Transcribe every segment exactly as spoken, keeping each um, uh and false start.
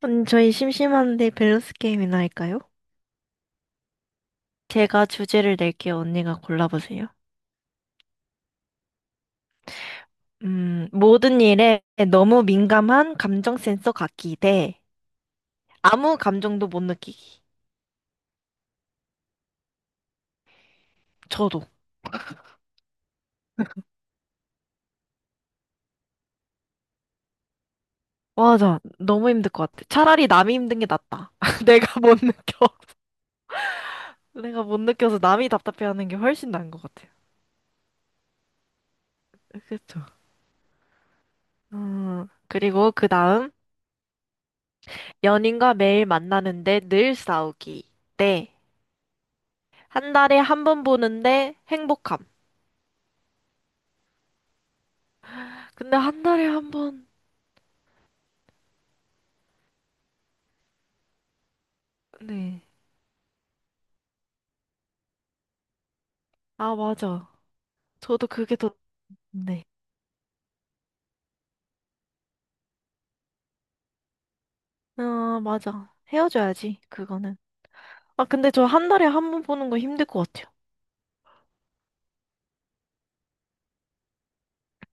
언니, 저희 심심한데 밸런스 게임이나 할까요? 제가 주제를 낼게요. 언니가 골라보세요. 음, 모든 일에 너무 민감한 감정 센서 갖기 대 아무 감정도 못 느끼기. 저도. 와, 아 너무 힘들 것 같아. 차라리 남이 힘든 게 낫다. 내가 못 느껴. 내가 못 느껴서 남이 답답해하는 게 훨씬 나은 것 같아요. 그쵸? 음, 그리고 그 다음, 연인과 매일 만나는데 늘 싸우기. 네. 한 달에 한 번 보는데 행복함. 근데 한 달에 한 번, 네. 아, 맞아. 저도 그게 더, 네. 아, 맞아. 헤어져야지, 그거는. 아, 근데 저 한 달에 한 번 보는 거 힘들 것 같아요.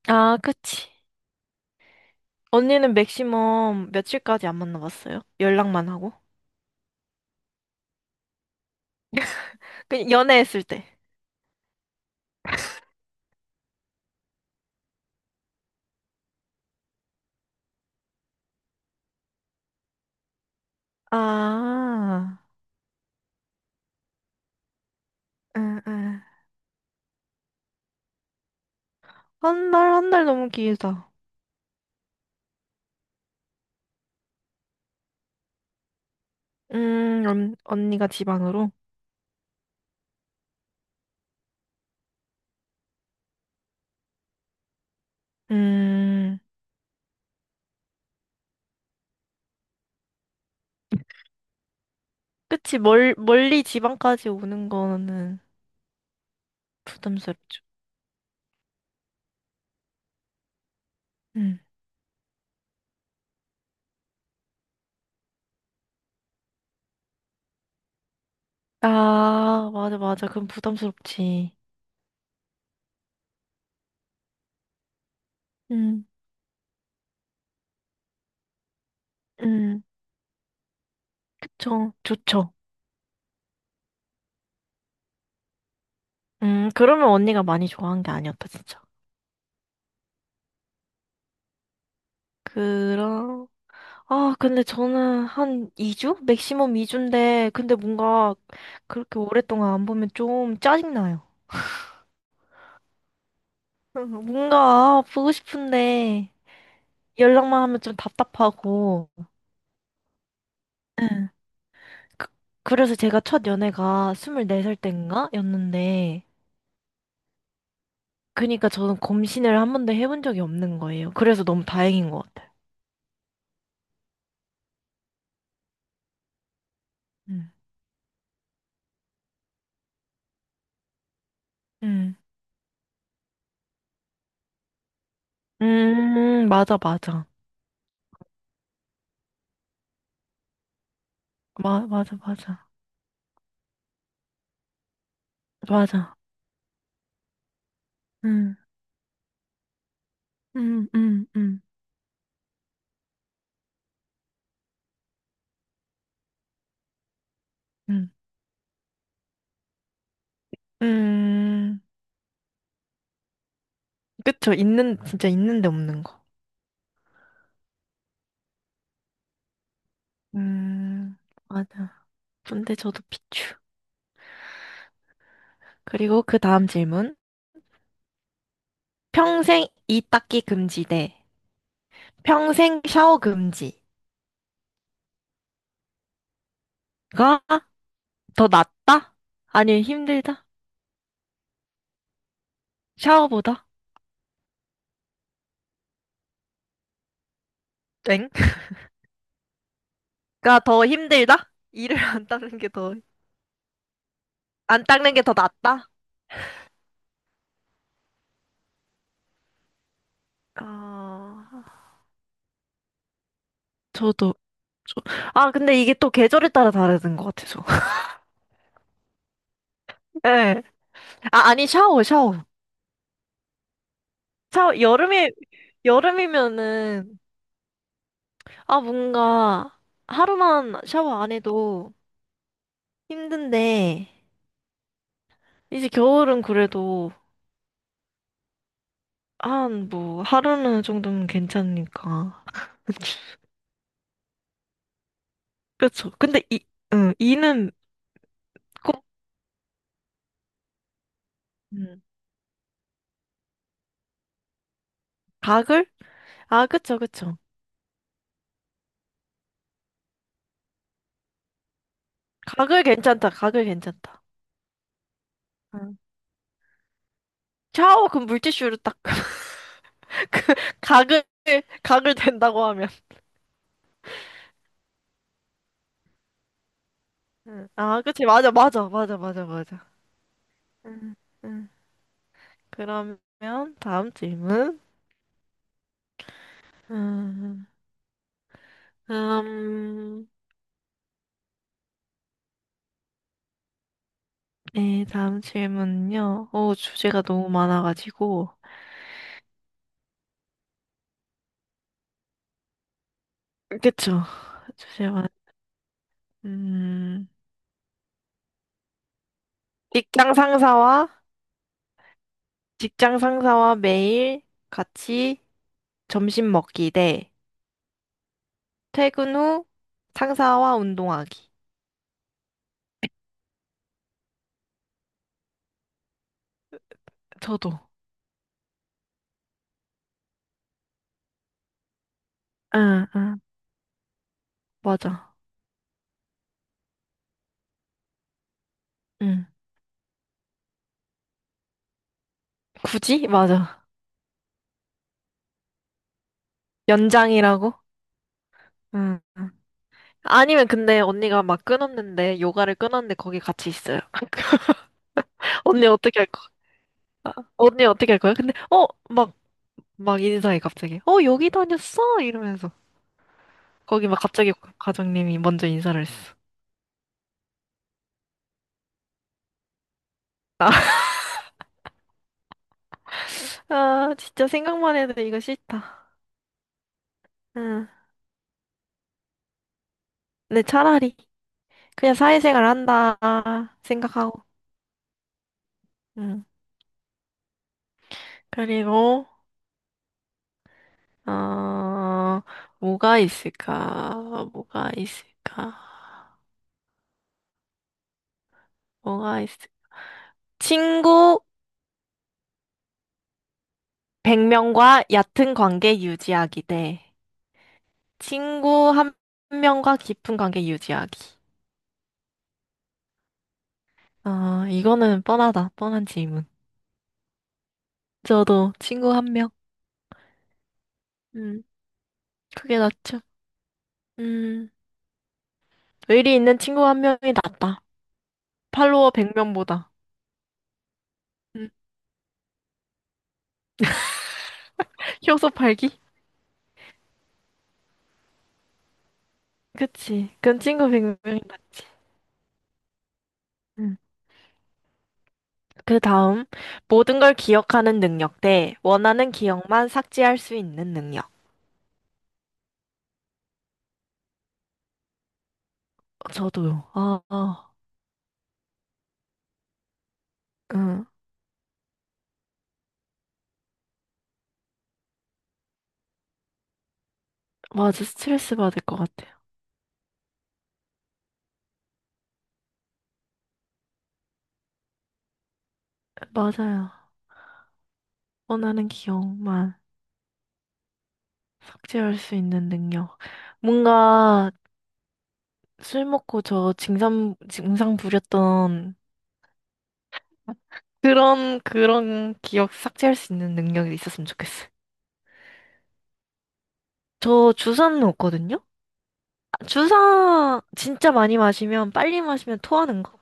아, 그치. 언니는 맥시멈 며칠까지 안 만나봤어요? 연락만 하고? 그, 연애했을 때. 아, 응, 응. 한 달, 한 달 너무 길다. 음, 언, 언니가 지방으로? 음, 그치. 멀, 멀리 지방까지 오는 거는 부담스럽죠. 음. 아, 맞아, 맞아. 그럼 부담스럽지. 음, 음, 그쵸. 좋죠. 음, 그러면 언니가 많이 좋아한 게 아니었다, 진짜. 그럼, 아, 근데 저는 한 이 주? 맥시멈 이 주인데, 근데 뭔가 그렇게 오랫동안 안 보면 좀 짜증나요. 음, 뭔가 보고 싶은데, 연락만 하면 좀 답답하고. 그, 그래서 제가 첫 연애가 스물네 살 땐가? 였는데, 그니까 저는 검신을 한 번도 해본 적이 없는 거예요. 그래서 너무 다행인 것 같아요. 음, 음, 음, 맞아, 맞아. 마, 맞아, 맞아. 맞아. 음, 음, 음, 음, 음. 음, 그쵸. 있는, 진짜 있는데 없는 거. 음. 맞아. 근데 저도 비추. 그리고 그 다음 질문. 평생 이 닦기 금지 대 평생 샤워 금지가 더 낫다? 아니, 힘들다? 샤워보다? 땡 더 힘들다? 이를 안 닦는 게 더, 안 닦는 게 더 낫다? 아, 저도, 저, 아, 근데 이게 또 계절에 따라 다르는 것 같아서. 예. 아, 아니, 샤워, 샤워. 샤워, 여름에, 여름이면은, 아, 뭔가, 하루만 샤워 안 해도 힘든데, 이제 겨울은 그래도, 한, 뭐, 하루는 정도면 괜찮으니까. 그쵸. 근데 이, 응, 이는 꼭, 음, 가글? 아, 그쵸, 그쵸. 가글 괜찮다. 가글 괜찮다. 응. 샤워 그 물티슈로 딱 그 가글 가글 된다고 하면. 응. 아, 그치. 맞아, 맞아, 맞아, 맞아, 맞아. 응, 응. 그러면 다음 질문. 음, 음, 네, 다음 질문은요. 오, 주제가 너무 많아가지고. 그쵸. 주제만. 음, 직장 상사와 직장 상사와 매일 같이 점심 먹기 대 퇴근 후 상사와 운동하기. 저도. 응, 응, 맞아. 응. 굳이? 맞아. 연장이라고? 응. 응. 아니면 근데 언니가 막 끊었는데 요가를 끊었는데 거기 같이 있어요. 언니 어떻게 할 거야? 언니 어떻게 할 거야? 근데 어, 막, 막 인사해 갑자기. 어, 여기 다녔어? 이러면서. 거기 막 갑자기 과장님이 먼저 인사를 했어. 아, 진짜 생각만 해도 이거 싫다. 응. 근데 차라리 그냥 사회생활 한다 생각하고. 응. 그리고, 어, 뭐가 있을까? 뭐가 있을까? 뭐가 있을 친구 백 명과 얕은 관계 유지하기 대 친구 한 명과 깊은 관계 유지하기. 아, 이거는 뻔하다. 뻔한 질문. 저도 친구 한 명. 음, 그게 낫죠. 음, 의리 있는 친구 한 명이 낫다. 팔로워 백 명보다. 음, 효소 팔기? 그치. 그건 친구 백 명이 낫지. 음. 그 다음, 모든 걸 기억하는 능력 대 원하는 기억만 삭제할 수 있는 능력. 저도요. 아, 아, 응. 맞아, 스트레스 받을 것 같아요. 맞아요. 원하는 기억만 삭제할 수 있는 능력. 뭔가 술 먹고 저 증상, 증상 부렸던 그런, 그런 기억 삭제할 수 있는 능력이 있었으면 좋겠어요. 저 주사는 없거든요? 아, 주사 진짜 많이 마시면, 빨리 마시면 토하는 거?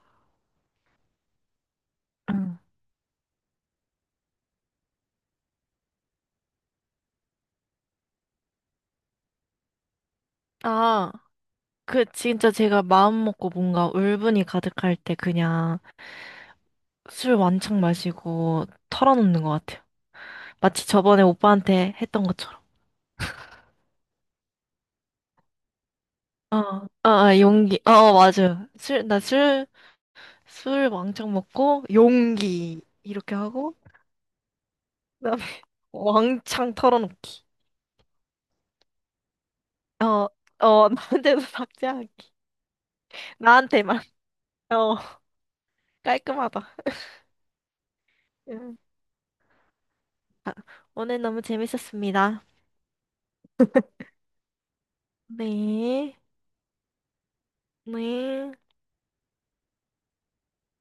응. 아. 그 진짜 제가 마음 먹고 뭔가 울분이 가득할 때 그냥 술 왕창 마시고 털어놓는 것 같아요. 마치 저번에 오빠한테 했던 것처럼. 어, 어, 어, 용기. 어, 어, 맞아요. 술, 나 술, 술 왕창 먹고 용기 이렇게 하고 그다음에 왕창 털어놓기. 어, 어, 나한테도 삭제하기. 나한테만. 어, 깔끔하다. 음. 아, 오늘 너무 재밌었습니다. 네. 네.